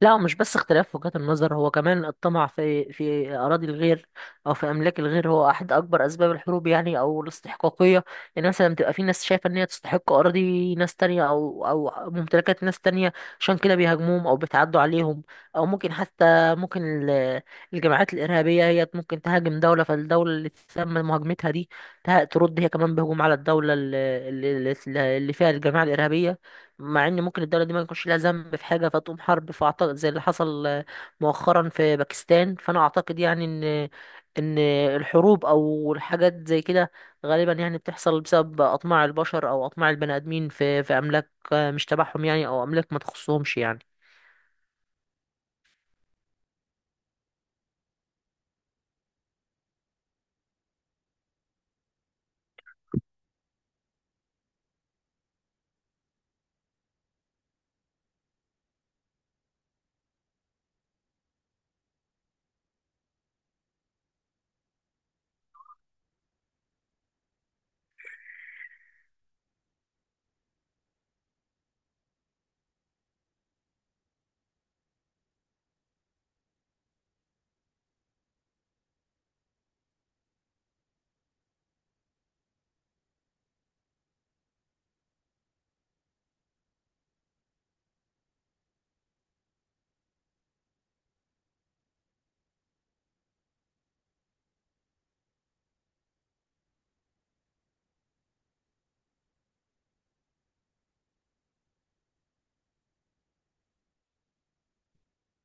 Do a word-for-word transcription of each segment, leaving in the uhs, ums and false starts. لا مش بس اختلاف وجهات النظر، هو كمان الطمع في في أراضي الغير أو في أملاك الغير هو أحد أكبر أسباب الحروب يعني أو الاستحقاقية. يعني مثلا بتبقى في ناس شايفة إن هي تستحق أراضي ناس تانية أو أو ممتلكات ناس تانية، عشان كده بيهاجموهم أو بيتعدوا عليهم. أو ممكن حتى ممكن ال- الجماعات الإرهابية هي ممكن تهاجم دولة، فالدولة اللي تم مهاجمتها دي ته- ترد هي كمان بهجوم على الدولة اللي اللي اللي فيها الجماعة الإرهابية. مع ان ممكن الدوله دي ما يكونش لها ذنب في حاجه فتقوم حرب. فاعتقد زي اللي حصل آه، مؤخرا في باكستان. فانا اعتقد يعني ان ان الحروب او الحاجات زي كده غالبا يعني بتحصل بسبب اطماع البشر او اطماع البني ادمين في في املاك آه، مش تبعهم يعني، او املاك ما تخصهمش يعني.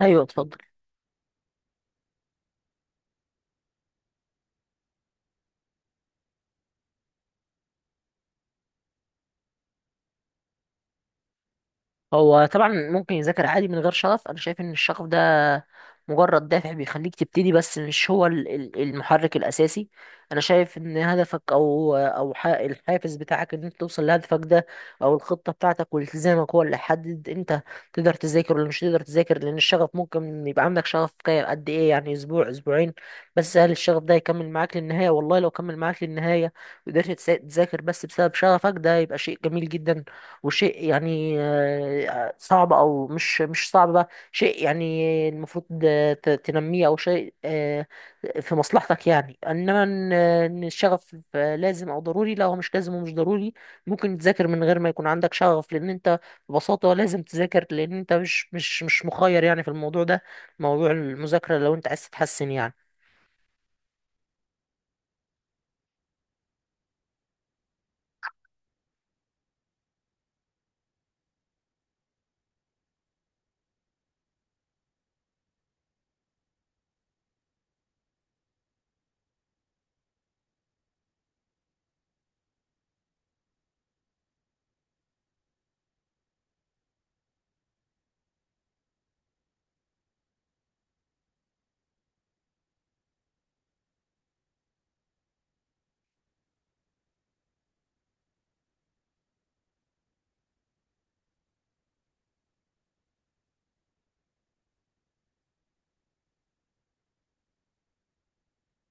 ايوه اتفضل. هو طبعا ممكن يذاكر عادي من غير شغف. انا شايف ان الشغف ده مجرد دافع بيخليك تبتدي، بس مش هو ال- ال- المحرك الاساسي. انا شايف ان هدفك او او ح- الحافز بتاعك، ان انت توصل لهدفك ده او الخطه بتاعتك والتزامك، هو اللي يحدد انت تقدر تذاكر ولا مش تقدر تذاكر. لان الشغف ممكن يبقى عندك شغف كام قد ايه؟ يعني اسبوع، اسبوعين. بس هل الشغف ده يكمل معاك للنهايه؟ والله لو كمل معاك للنهايه وقدرت تسا- تذاكر بس بسبب شغفك ده يبقى شيء جميل جدا، وشيء يعني آه، صعب او مش مش صعب، بقى شيء يعني المفروض آه، ت- تنميه، او شيء آه، في مصلحتك يعني. انما ان إن الشغف آه، لازم او ضروري، لا هو مش لازم ومش ضروري. ممكن تذاكر من غير ما يكون عندك شغف، لان انت ببساطه لازم تذاكر لان انت مش مش مش مخير يعني في الموضوع ده، موضوع المذاكره، لو انت عايز تتحسن يعني.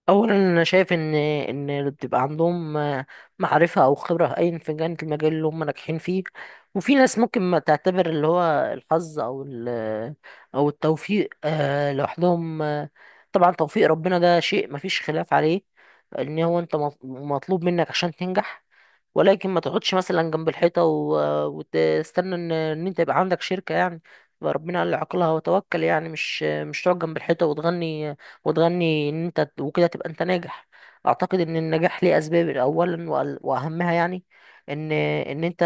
اولا انا شايف ان ان اللي بتبقى عندهم آه، معرفه او خبره ايا في كانت المجال اللي هم ناجحين فيه. وفي ناس ممكن ما تعتبر اللي هو الحظ او ال- او التوفيق آه، لوحدهم آه، طبعا توفيق ربنا ده شيء مفيش خلاف عليه، ان هو انت مط- مطلوب منك عشان تنجح. ولكن ما تقعدش مثلا جنب الحيطة و... وتستنى ان ان انت يبقى عندك شركة يعني. فربنا قال لي، عقلها وتوكل. يعني مش مش تقعد جنب الحيطة وتغني، وتغني ان انت وكده تبقى انت ناجح. اعتقد ان النجاح ليه اسباب، اولا وأل- واهمها يعني ان ان انت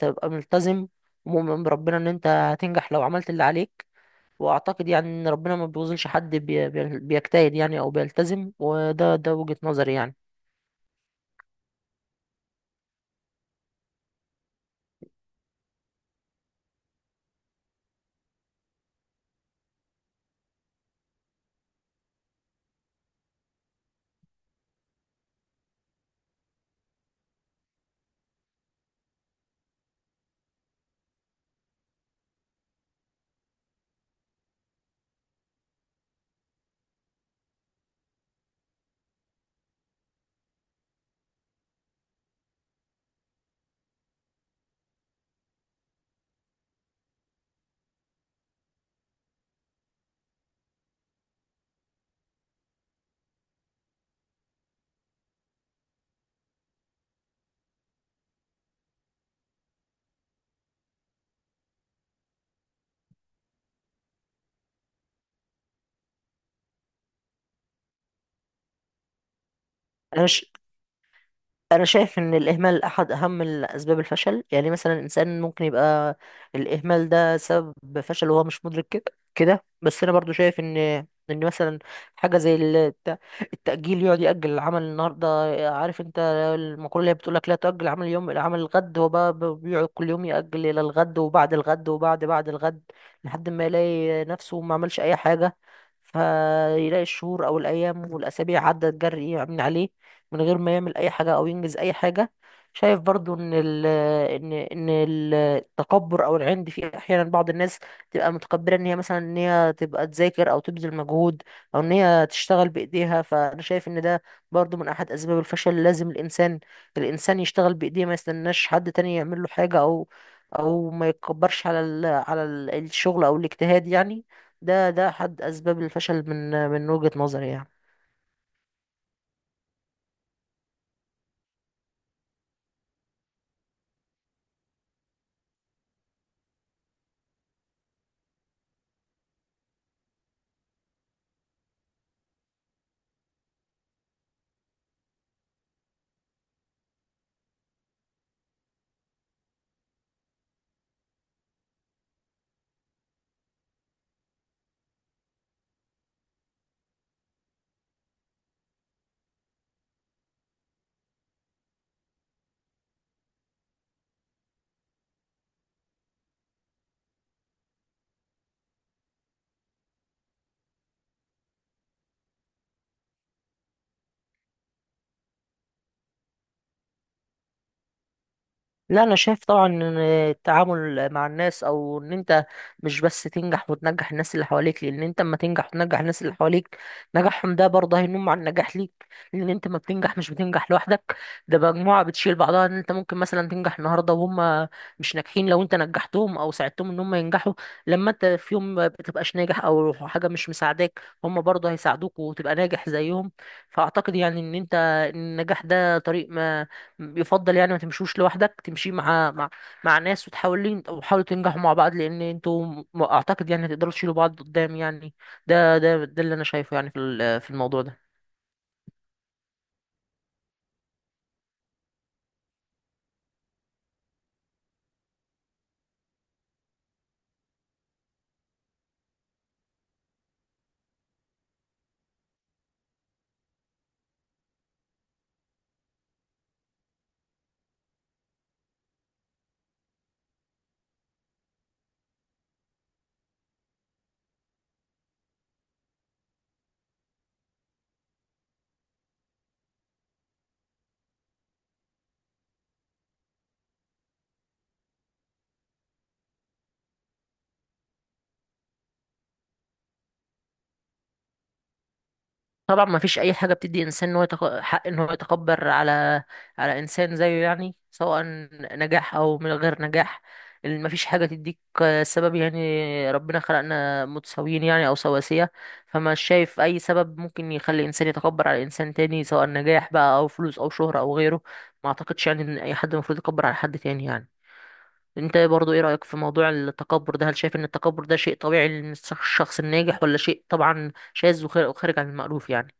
تبقى ملتزم ومؤمن بربنا ان انت هتنجح لو عملت اللي عليك. واعتقد يعني ان ربنا ما بيوظنش حد بي... بي- بيجتهد يعني او بيلتزم. وده ده وجهة نظري يعني. انا انا شايف ان الاهمال احد اهم اسباب الفشل. يعني مثلا الانسان ممكن يبقى الاهمال ده سبب فشل وهو مش مدرك كده. كده بس انا برضو شايف ان ان مثلا حاجه زي الت- التاجيل، يقعد ياجل العمل النهارده. عارف انت المقوله اللي بتقول لك، لا تؤجل عمل اليوم الى عمل الغد. هو بقى ب- بيقعد كل يوم ياجل الى الغد، وبعد الغد، وبعد بعد الغد، لحد ما يلاقي نفسه ما عملش اي حاجه، فيلاقي الشهور او الايام والاسابيع عدت جري من عليه من غير ما يعمل اي حاجه او ينجز اي حاجه. شايف برضو ان ال ان ان ال- التكبر او العند في احيانا بعض الناس تبقى متكبره، ان هي مثلا ان هي تبقى تذاكر او تبذل مجهود او ان هي تشتغل بايديها. فانا شايف ان ده برضو من احد اسباب الفشل. لازم الانسان الانسان يشتغل بايديه، ما يستناش حد تاني يعمل له حاجه، او او ما يتكبرش على ال على ال- الشغل او الاجتهاد يعني. ده ده احد اسباب الفشل من من وجهة نظري يعني. لا انا شايف طبعا ان التعامل مع الناس، او ان انت مش بس تنجح وتنجح الناس اللي حواليك. لان انت اما تنجح وتنجح الناس اللي حواليك، نجاحهم ده برضه هينم على النجاح ليك. لان انت ما بتنجح مش بتنجح لوحدك. ده مجموعة بتشيل بعضها. ان انت ممكن مثلا تنجح النهارده وهم مش ناجحين، لو انت نجحتهم او ساعدتهم ان هم ينجحوا، لما انت في يوم ما بتبقاش ناجح او حاجة مش مساعداك، هم برضه هيساعدوك وتبقى ناجح زيهم. فاعتقد يعني ان انت النجاح ده طريق يفضل يعني ما تمشوش لوحدك، تمشي مع مع مع ناس وتحاولين وحاولوا تنجحوا مع بعض، لان انتوا م- اعتقد يعني هتقدروا تشيلوا بعض قدام يعني. ده ده ده اللي انا شايفه يعني في ال- في الموضوع ده. طبعا ما فيش اي حاجه بتدي انسان ان هو يتق... حق ان هو يتكبر على على انسان زيه يعني، سواء نجاح او من غير نجاح. ال- ما فيش حاجه تديك آه، سبب. يعني ربنا خلقنا متساويين يعني او سواسيه. فما شايف اي سبب ممكن يخلي انسان يتكبر على انسان تاني، سواء نجاح بقى او فلوس او شهره او غيره. ما اعتقدش يعني ان اي حد المفروض يتكبر على حد تاني يعني. انت برضو ايه رايك في موضوع التكبر ده؟ هل شايف ان التكبر ده شيء طبيعي للشخص الناجح ولا شيء طبعا شاذ وخارج وخارج عن المألوف يعني؟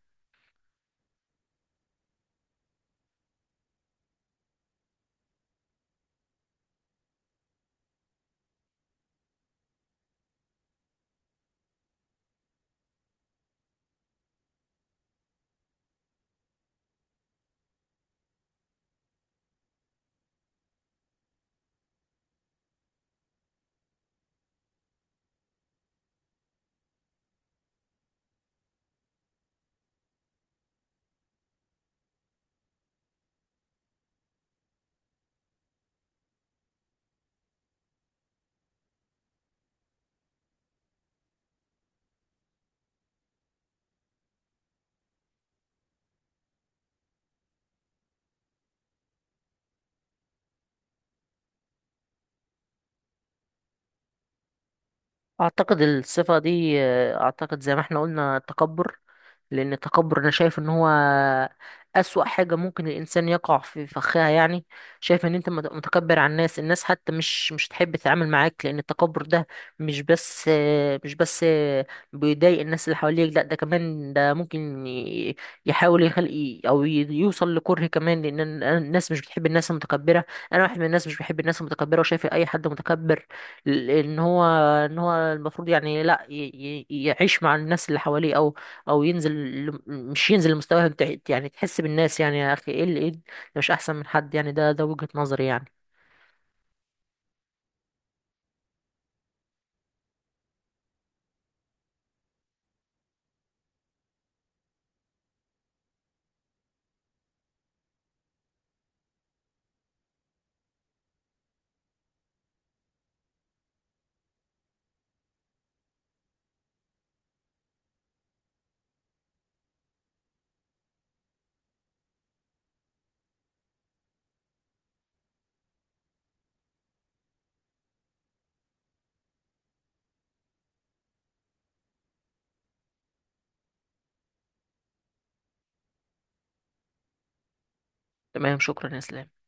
اعتقد الصفة دي آه، اعتقد زي ما احنا قلنا التكبر. لان التكبر انا شايف ان هو اسوأ حاجة ممكن الانسان يقع في فخها يعني. شايف ان انت مت- متكبر على الناس، الناس حتى مش مش تحب تتعامل معاك. لان التكبر ده مش بس آه، مش بس آه، بيضايق الناس اللي حواليك، لا ده كمان ده ممكن ي- يحاول يخلق او ي- يوصل لكره كمان. لان الن- الناس مش بتحب الناس المتكبرة. انا واحد من الناس مش بحب الناس المتكبرة. وشايف اي حد متكبر، ل- ان هو ان هو المفروض يعني، لا ي- ي- يعيش مع الناس اللي حواليه، او او ينزل، ل- مش ينزل لمستواهم تحت يعني، تحس بالناس يعني. يا اخي ايه اللي ايه ده؟ مش احسن من حد يعني. ده ده وجهة نظري يعني. تمام، شكرا يا اسلام.